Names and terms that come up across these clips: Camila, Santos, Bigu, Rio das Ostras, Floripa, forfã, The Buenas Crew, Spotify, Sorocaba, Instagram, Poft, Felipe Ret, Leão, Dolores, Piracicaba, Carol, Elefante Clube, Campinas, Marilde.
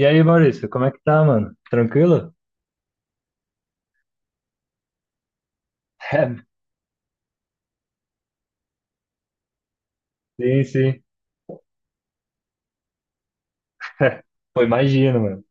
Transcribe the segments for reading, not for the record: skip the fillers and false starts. E aí, Maurício, como é que tá, mano? Tranquilo? Sim, sim. Pô, imagino, mano.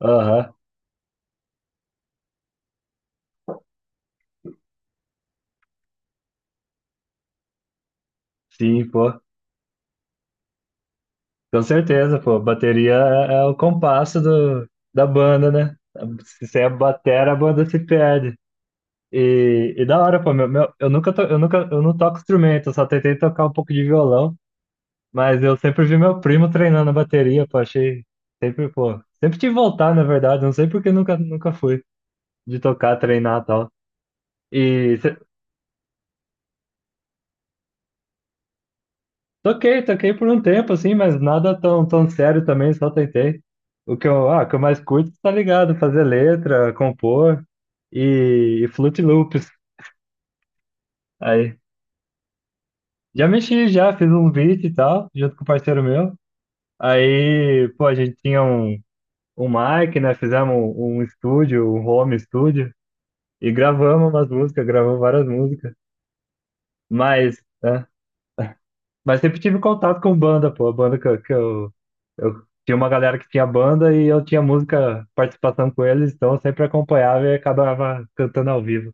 Aham, sim, pô. Com certeza, pô. Bateria é, é o compasso da banda, né? Se você é batera, a banda se perde. E da hora, pô. Eu nunca, eu não toco instrumento, eu só tentei tocar um pouco de violão, mas eu sempre vi meu primo treinando a bateria, pô. Achei sempre, pô. Sempre te voltar, na verdade. Não sei porque nunca, nunca fui de tocar, treinar e tal. E toquei, toquei por um tempo, assim, mas nada tão, tão sério também, só tentei. O que eu, ah, o que eu mais curto, tá ligado? Fazer letra, compor e Fruit Loops. Aí, já mexi, já fiz um beat e tal, junto com um parceiro meu. Aí, pô, a gente tinha um mic, né? Fizemos um estúdio, um home estúdio, e gravamos umas músicas, gravamos várias músicas. Mas, né? Mas sempre tive contato com banda, pô. A banda que eu tinha uma galera que tinha banda e eu tinha música, participação com eles, então eu sempre acompanhava e acabava cantando ao vivo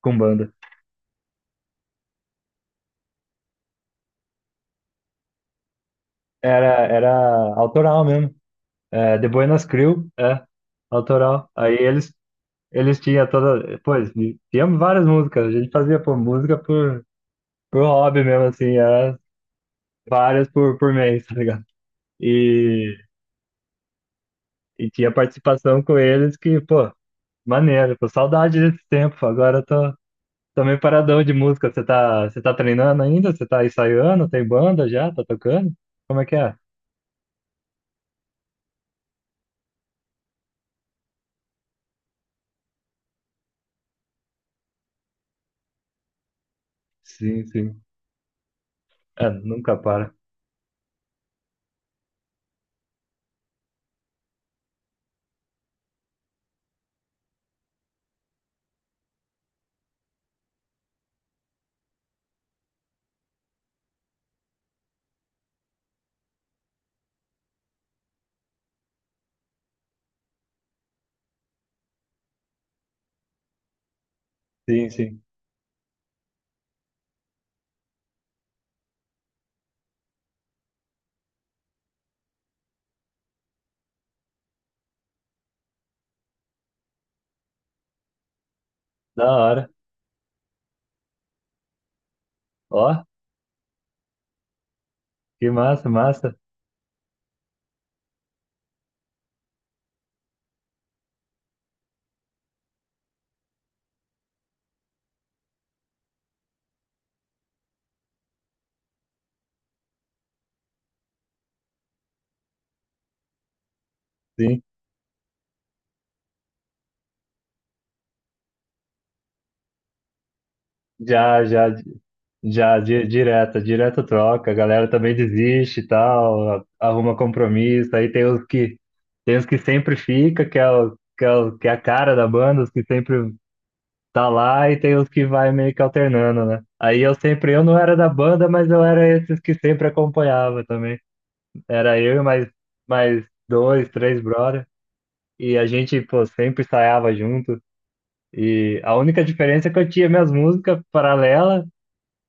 com banda. Era, era autoral mesmo. É, The Buenas Crew, é, autoral. Aí eles tinham toda. Pô, eles tinham várias músicas. A gente fazia, pô, música por hobby mesmo, assim, era várias por mês, tá ligado? E. E tinha participação com eles que, pô, maneiro, pô, saudade desse tempo. Agora eu tô, tô meio paradão de música. Você tá treinando ainda? Você tá ensaiando? Tem banda já? Tá tocando? Como é que é? Sim, sim. É, nunca para. Sim, sim. Da hora. Ó, que massa, massa. Sim. Já, já, já, direta direto troca, a galera também desiste e tal, arruma compromisso, aí tem os que sempre fica, que é, o, que, que é a cara da banda, os que sempre tá lá, e tem os que vai meio que alternando, né? Aí eu sempre, eu não era da banda, mas eu era esses que sempre acompanhava também. Era eu e mais dois, três brother, e a gente, pô, sempre ensaiava junto, e a única diferença é que eu tinha minhas músicas paralelas,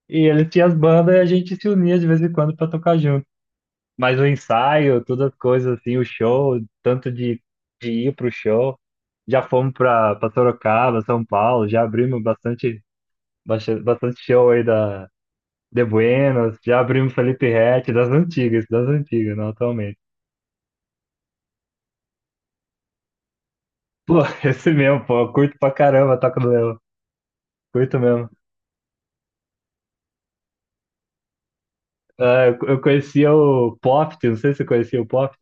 e eles tinham as bandas e a gente se unia de vez em quando para tocar junto. Mas o ensaio, todas as coisas assim, o show, tanto de ir pro show, já fomos para Sorocaba, São Paulo, já abrimos bastante, bastante show aí da de Buenos, já abrimos Felipe Ret, das antigas, não atualmente. Pô, esse mesmo, pô, eu curto pra caramba, Toca do Leão, curto mesmo. Ah, eu conhecia o Poft, não sei se você conhecia o Poft.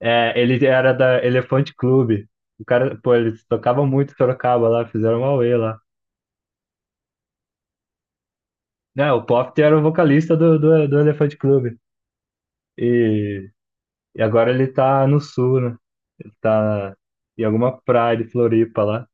É, ele era da Elefante Clube. O cara, pô, eles tocavam muito em Sorocaba lá, fizeram uma auê lá. Né, o Pop era o vocalista do Elefante Clube. E, e agora ele tá no sul, né? Ele tá em alguma praia de Floripa lá.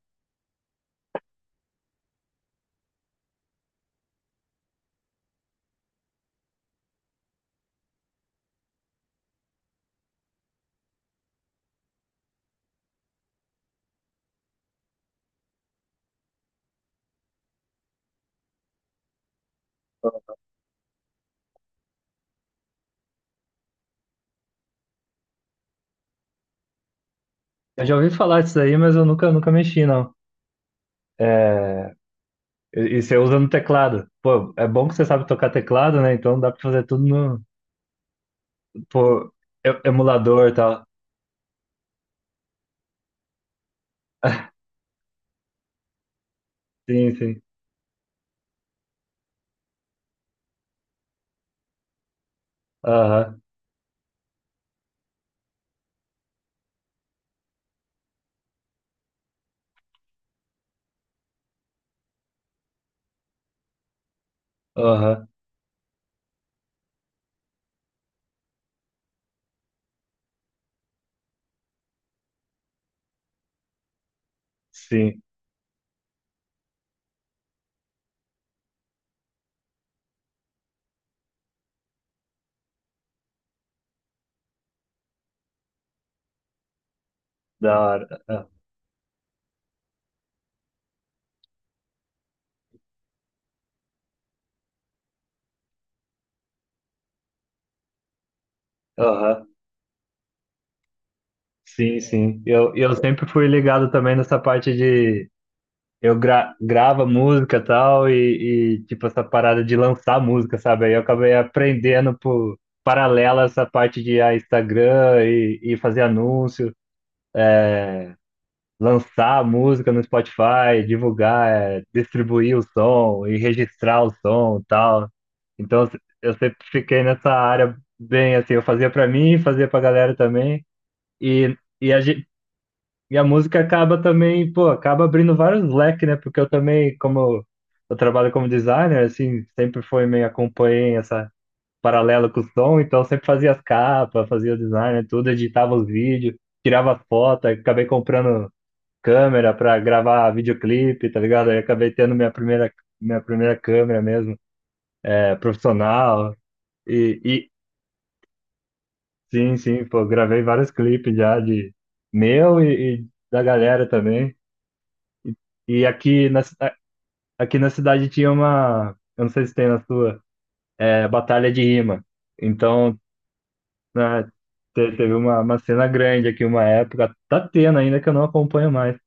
Eu já ouvi falar disso aí, mas eu nunca, nunca mexi, não. É, e você usa no teclado. Pô, é bom que você sabe tocar teclado, né? Então dá pra fazer tudo no, pô, emulador e tal. Sim, sim. Aham, aham. Sim, da hora. Aham, sim, sim. Eu sempre fui ligado também nessa parte de eu grava música e tal, e, tipo essa parada de lançar música, sabe? Aí eu acabei aprendendo por paralela essa parte de ah, Instagram e fazer anúncio, lançar música no Spotify, divulgar, eh, distribuir o som e registrar o som e tal. Então eu sempre fiquei nessa área bem assim, eu fazia pra mim, fazia pra galera também. E, e e a música acaba também, pô, acaba abrindo vários leques, né? Porque eu também, como eu trabalho como designer, assim, sempre foi meio acompanhei essa paralelo com o som, então eu sempre fazia as capas, fazia o design, né, tudo, editava os vídeos, tirava foto, aí acabei comprando câmera para gravar videoclipe, tá ligado? Aí acabei tendo minha primeira câmera mesmo, é, profissional. E sim, sim, pô, gravei vários clipes já de meu e da galera também. E aqui aqui na cidade tinha uma, eu não sei se tem na sua, é, batalha de rima. Então, né, teve uma cena grande aqui, uma época, tá tendo ainda que eu não acompanho mais.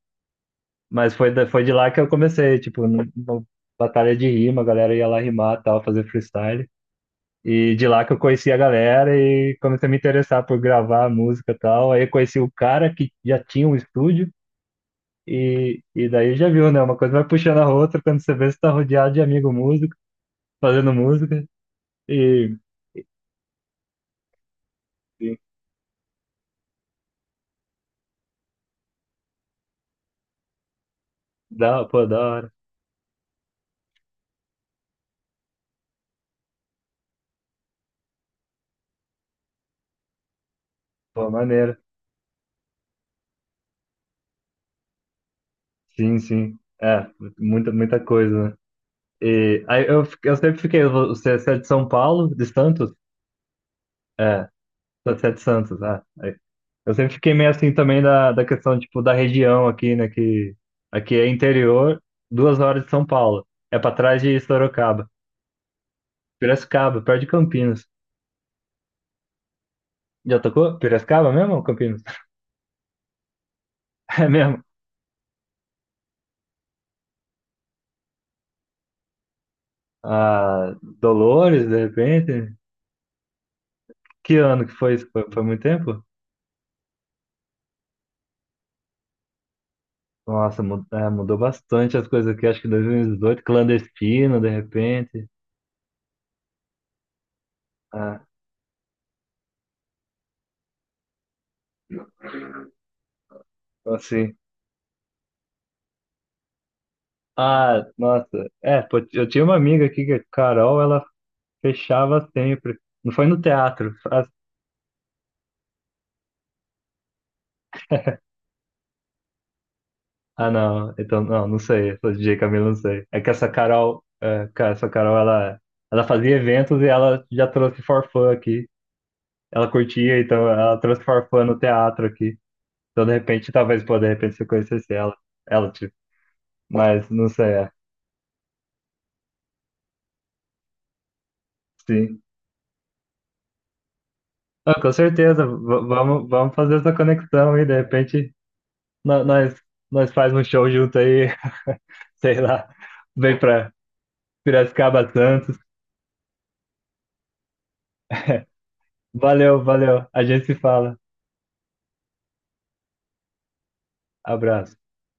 Mas foi, foi de lá que eu comecei, tipo, batalha de rima, a galera ia lá rimar, tal, fazer freestyle. E de lá que eu conheci a galera e comecei a me interessar por gravar música e tal. Aí eu conheci o cara que já tinha um estúdio e daí já viu, né? Uma coisa vai puxando a outra quando você vê você tá rodeado de amigo músico, fazendo música. E, e da, pô, da hora. Pô, maneiro. Sim, sim. É, muita, muita coisa, né? E aí eu, eu sempre fiquei, você é de São Paulo, de Santos? É, você é de Santos, ah. Aí. Eu sempre fiquei meio assim também da questão, tipo, da região aqui, né? Que aqui é interior, 2 horas de São Paulo. É pra trás de Sorocaba. Piracicaba, perto de Campinas. Já tocou? Piracicaba mesmo ou Campinas? É mesmo? Ah, Dolores, de repente? Que ano que foi isso? Foi muito tempo? Nossa, é, mudou bastante as coisas aqui. Acho que 2018, clandestino, de repente. Ah, então, assim. Ah, nossa. É, pô, eu tinha uma amiga aqui, que a Carol, ela fechava sempre. Não foi no teatro. Ah, ah, não. Então, não, não sei. Essa D J. Camila, não sei. É que essa Carol, é, essa Carol, ela fazia eventos e ela já trouxe forfã aqui. Ela curtia, então ela trouxe forfã no teatro aqui. Então, de repente, talvez, pô, de repente, se eu conhecesse ela, ela, tipo, mas não sei, é, sim. Ah, com certeza, vamos, vamos fazer essa conexão e, de repente, nós, nós faz um show junto aí, sei lá, vem pra Piracicaba, Santos. Valeu, valeu, a gente se fala. Abraço.